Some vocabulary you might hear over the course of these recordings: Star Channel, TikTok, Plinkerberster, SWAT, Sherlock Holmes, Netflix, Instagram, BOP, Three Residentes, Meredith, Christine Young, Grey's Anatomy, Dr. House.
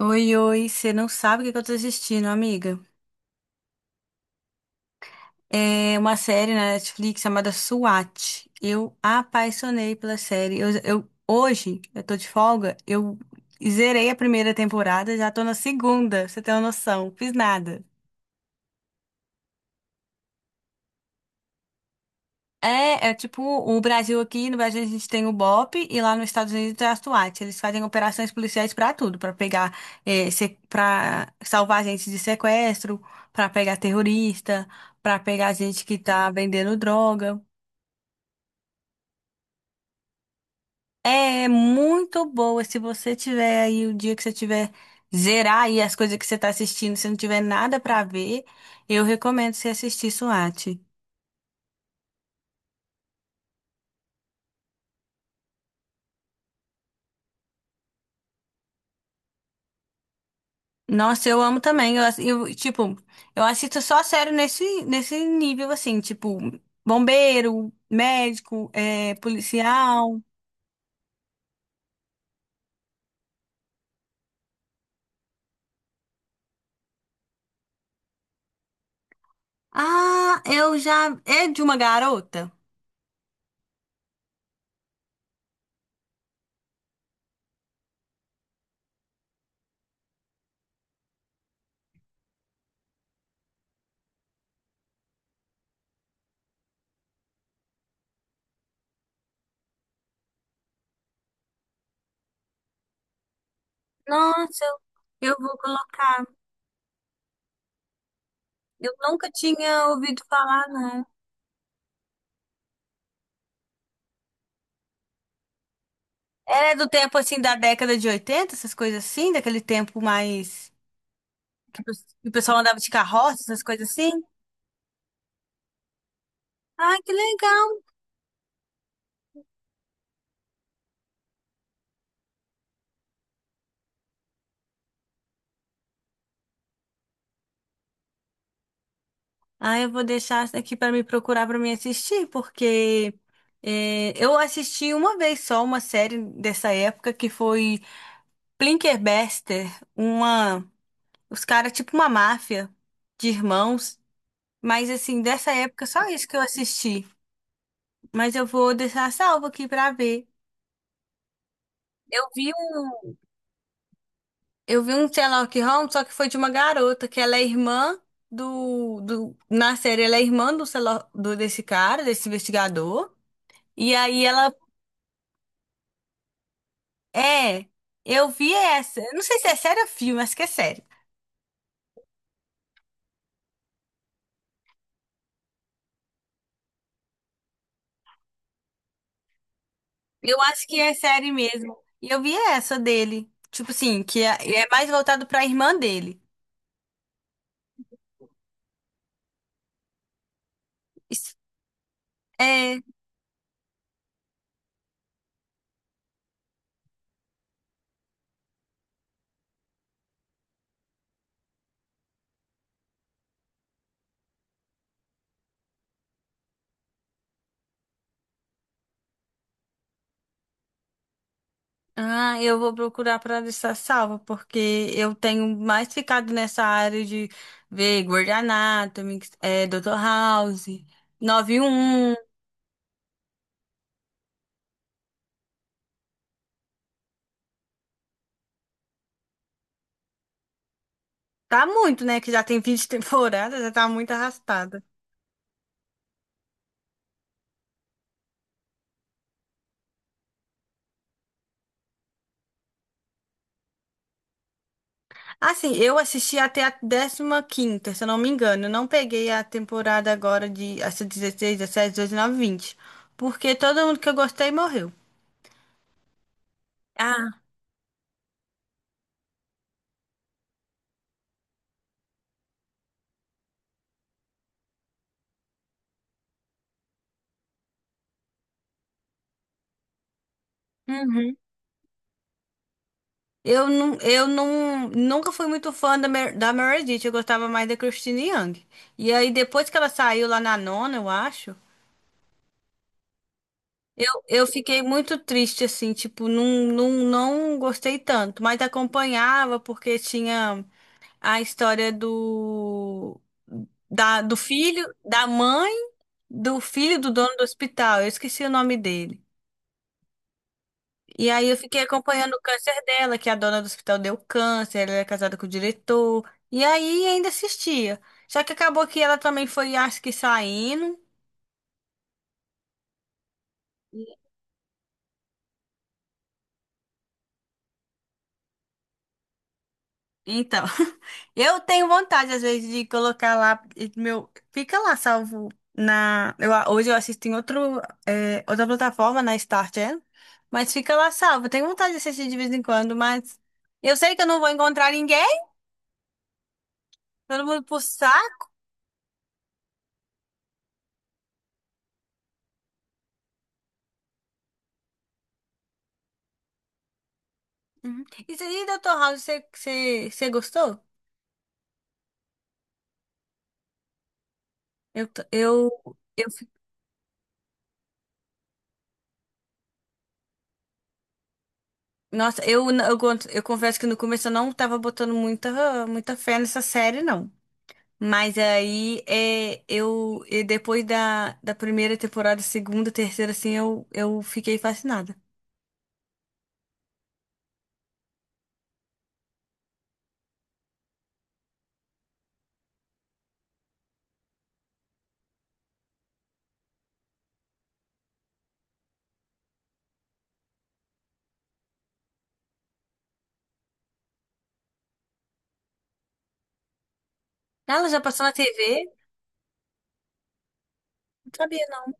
Oi, oi, você não sabe o que que eu tô assistindo, amiga. É uma série na Netflix chamada SWAT. Eu apaixonei pela série. Hoje, eu tô de folga, eu zerei a primeira temporada, já tô na segunda, pra você tem uma noção. Fiz nada. É tipo o Brasil aqui, no Brasil a gente tem o BOP e lá nos Estados Unidos é a SWAT. Eles fazem operações policiais pra tudo, pra pegar, pra salvar gente de sequestro, pra pegar terrorista, pra pegar gente que tá vendendo droga. É muito boa, se você tiver aí, o dia que você tiver zerar aí as coisas que você tá assistindo, se não tiver nada pra ver, eu recomendo você assistir SWAT. Nossa, eu amo também. Tipo, eu assisto só sério nesse nível, assim, tipo, bombeiro, médico, é, policial. Ah, eu já. É de uma garota? Nossa, eu vou colocar. Eu nunca tinha ouvido falar, não. Ela é do tempo, assim, da década de oitenta, essas coisas assim, daquele tempo mais. Que o que o pessoal andava de carroça, essas coisas assim. Ai, que legal! Ah, eu vou deixar essa aqui para me procurar, para me assistir, porque é, eu assisti uma vez só uma série dessa época, que foi Plinkerberster, uma, os caras tipo uma máfia de irmãos, mas assim dessa época só isso que eu assisti. Mas eu vou deixar salvo aqui para ver. Eu vi um, eu vi um Sherlock Holmes, só que foi de uma garota que ela é irmã do na série, ela é irmã do Sherlock- do desse cara, desse investigador. E aí ela. É, eu vi essa. Eu não sei se é série ou filme, acho que é série. Eu acho que é série mesmo. E eu vi essa dele. É mais voltado pra irmã dele. Isso- É. Ah, eu vou procurar pra deixar salva, porque eu tenho mais ficado nessa área de ver Grey's Anatomy, é, Dr. House, nove um. Um. Tá muito, né? Que já tem 20 temporadas, já tá muito arrastada. Assim, eu assisti até a décima quinta, se eu não me engano. Eu não peguei a temporada agora de, essa, dezesseis, dezessete, 19, vinte. Porque todo mundo que eu gostei morreu. Ah, uhum. Eu não, nunca fui muito fã da Meredith, eu gostava mais da Christine Young. E aí, depois que ela saiu lá na nona, eu acho, eu fiquei muito triste, assim, tipo, não gostei tanto, mas acompanhava porque tinha a história do do filho, da mãe, do filho do dono do hospital. Eu esqueci o nome dele. E aí eu fiquei acompanhando o câncer dela, que a dona do hospital deu câncer, ela era casada com o diretor. E aí ainda assistia. Só que acabou que ela também foi, acho que saindo. Então, eu tenho vontade, às vezes, de colocar lá, e meu, fica lá salvo na, eu, a- hoje eu assisto em outro, é, outra plataforma, na Star Channel, mas fica lá salvo. Eu tenho vontade de assistir de vez em quando, mas eu sei que eu não vou encontrar ninguém, todo mundo pro saco. Uhum. E, se- e Dr. House, você gostou? Eu, t- eu, fi- nossa, eu, n- eu, cont- Eu confesso que no começo eu não tava botando muita fé nessa série, não. Mas aí é, eu e depois da primeira temporada, segunda, terceira, assim, eu fiquei fascinada. Ela já passou na TV? Não sabia, não.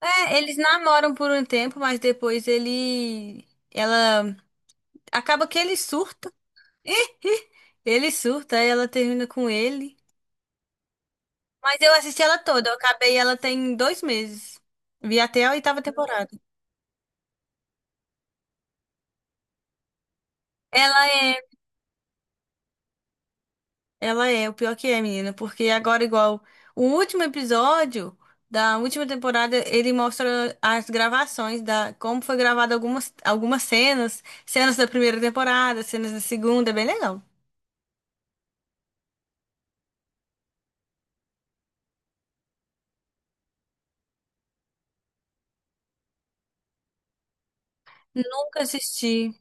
É, eles namoram por um tempo, mas depois ele. Ela. Acaba que ele surta. Ele surta, aí ela termina com ele. Mas eu assisti ela toda, eu acabei ela tem dois meses. Vi até a oitava temporada. Ela é. O pior que é, menina, porque agora, igual o último episódio da última temporada, ele mostra as gravações da como foi gravada algumas cenas, cenas da primeira temporada, cenas da segunda, é bem legal. Nunca assisti.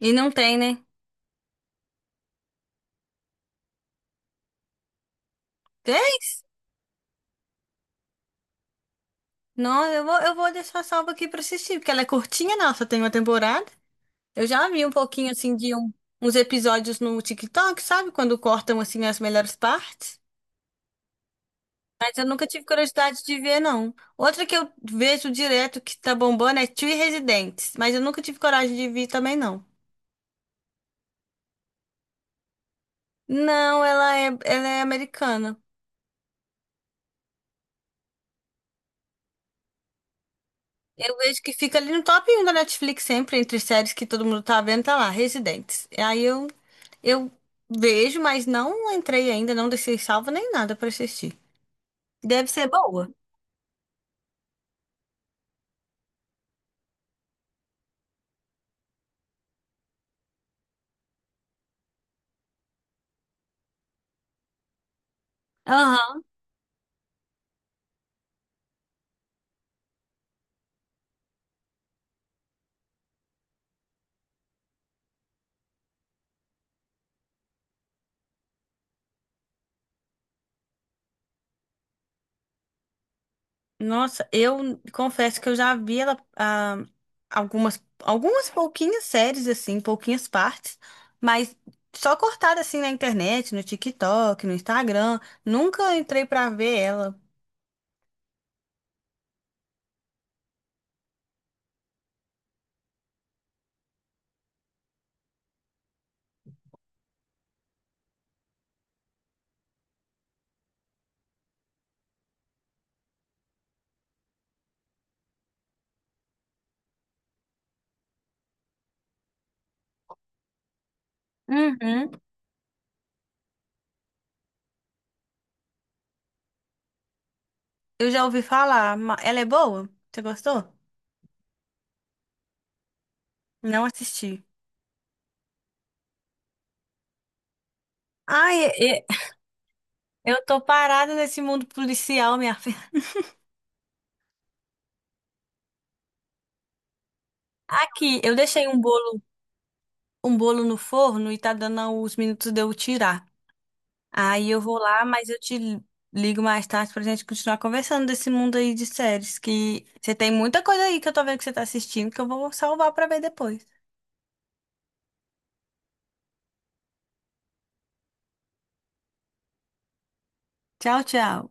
E não tem, né? Tem? Não, eu vou deixar salva aqui pra assistir, porque ela é curtinha, não, só tem uma temporada. Eu já vi um pouquinho assim de um- uns episódios no TikTok, sabe? Quando cortam assim as melhores partes. Mas eu nunca tive curiosidade de ver, não. Outra que eu vejo direto que tá bombando é Three Residentes, mas eu nunca tive coragem de ver também, não. Não, ela é americana. Eu vejo que fica ali no top 1 da Netflix sempre, entre séries que todo mundo tá vendo, tá lá, Residentes. Aí eu vejo, mas não entrei ainda, não deixei salvo nem nada pra assistir. Deve ser boa. Aham. Nossa, eu confesso que eu já vi ela, ah, algumas pouquinhas séries, assim, pouquinhas partes, mas só cortada assim na internet, no TikTok, no Instagram. Nunca entrei pra ver ela. Uhum. Eu já ouvi falar, ma- ela é boa? Você gostou? Não assisti. Ai, e- e- eu tô parada nesse mundo policial, minha filha. Aqui, eu deixei um bolo no forno, e tá dando os minutos de eu tirar. Aí eu vou lá, mas eu te ligo mais tarde pra gente continuar conversando desse mundo aí de séries, que você tem muita coisa aí que eu tô vendo que você tá assistindo que eu vou salvar pra ver depois. Tchau, tchau.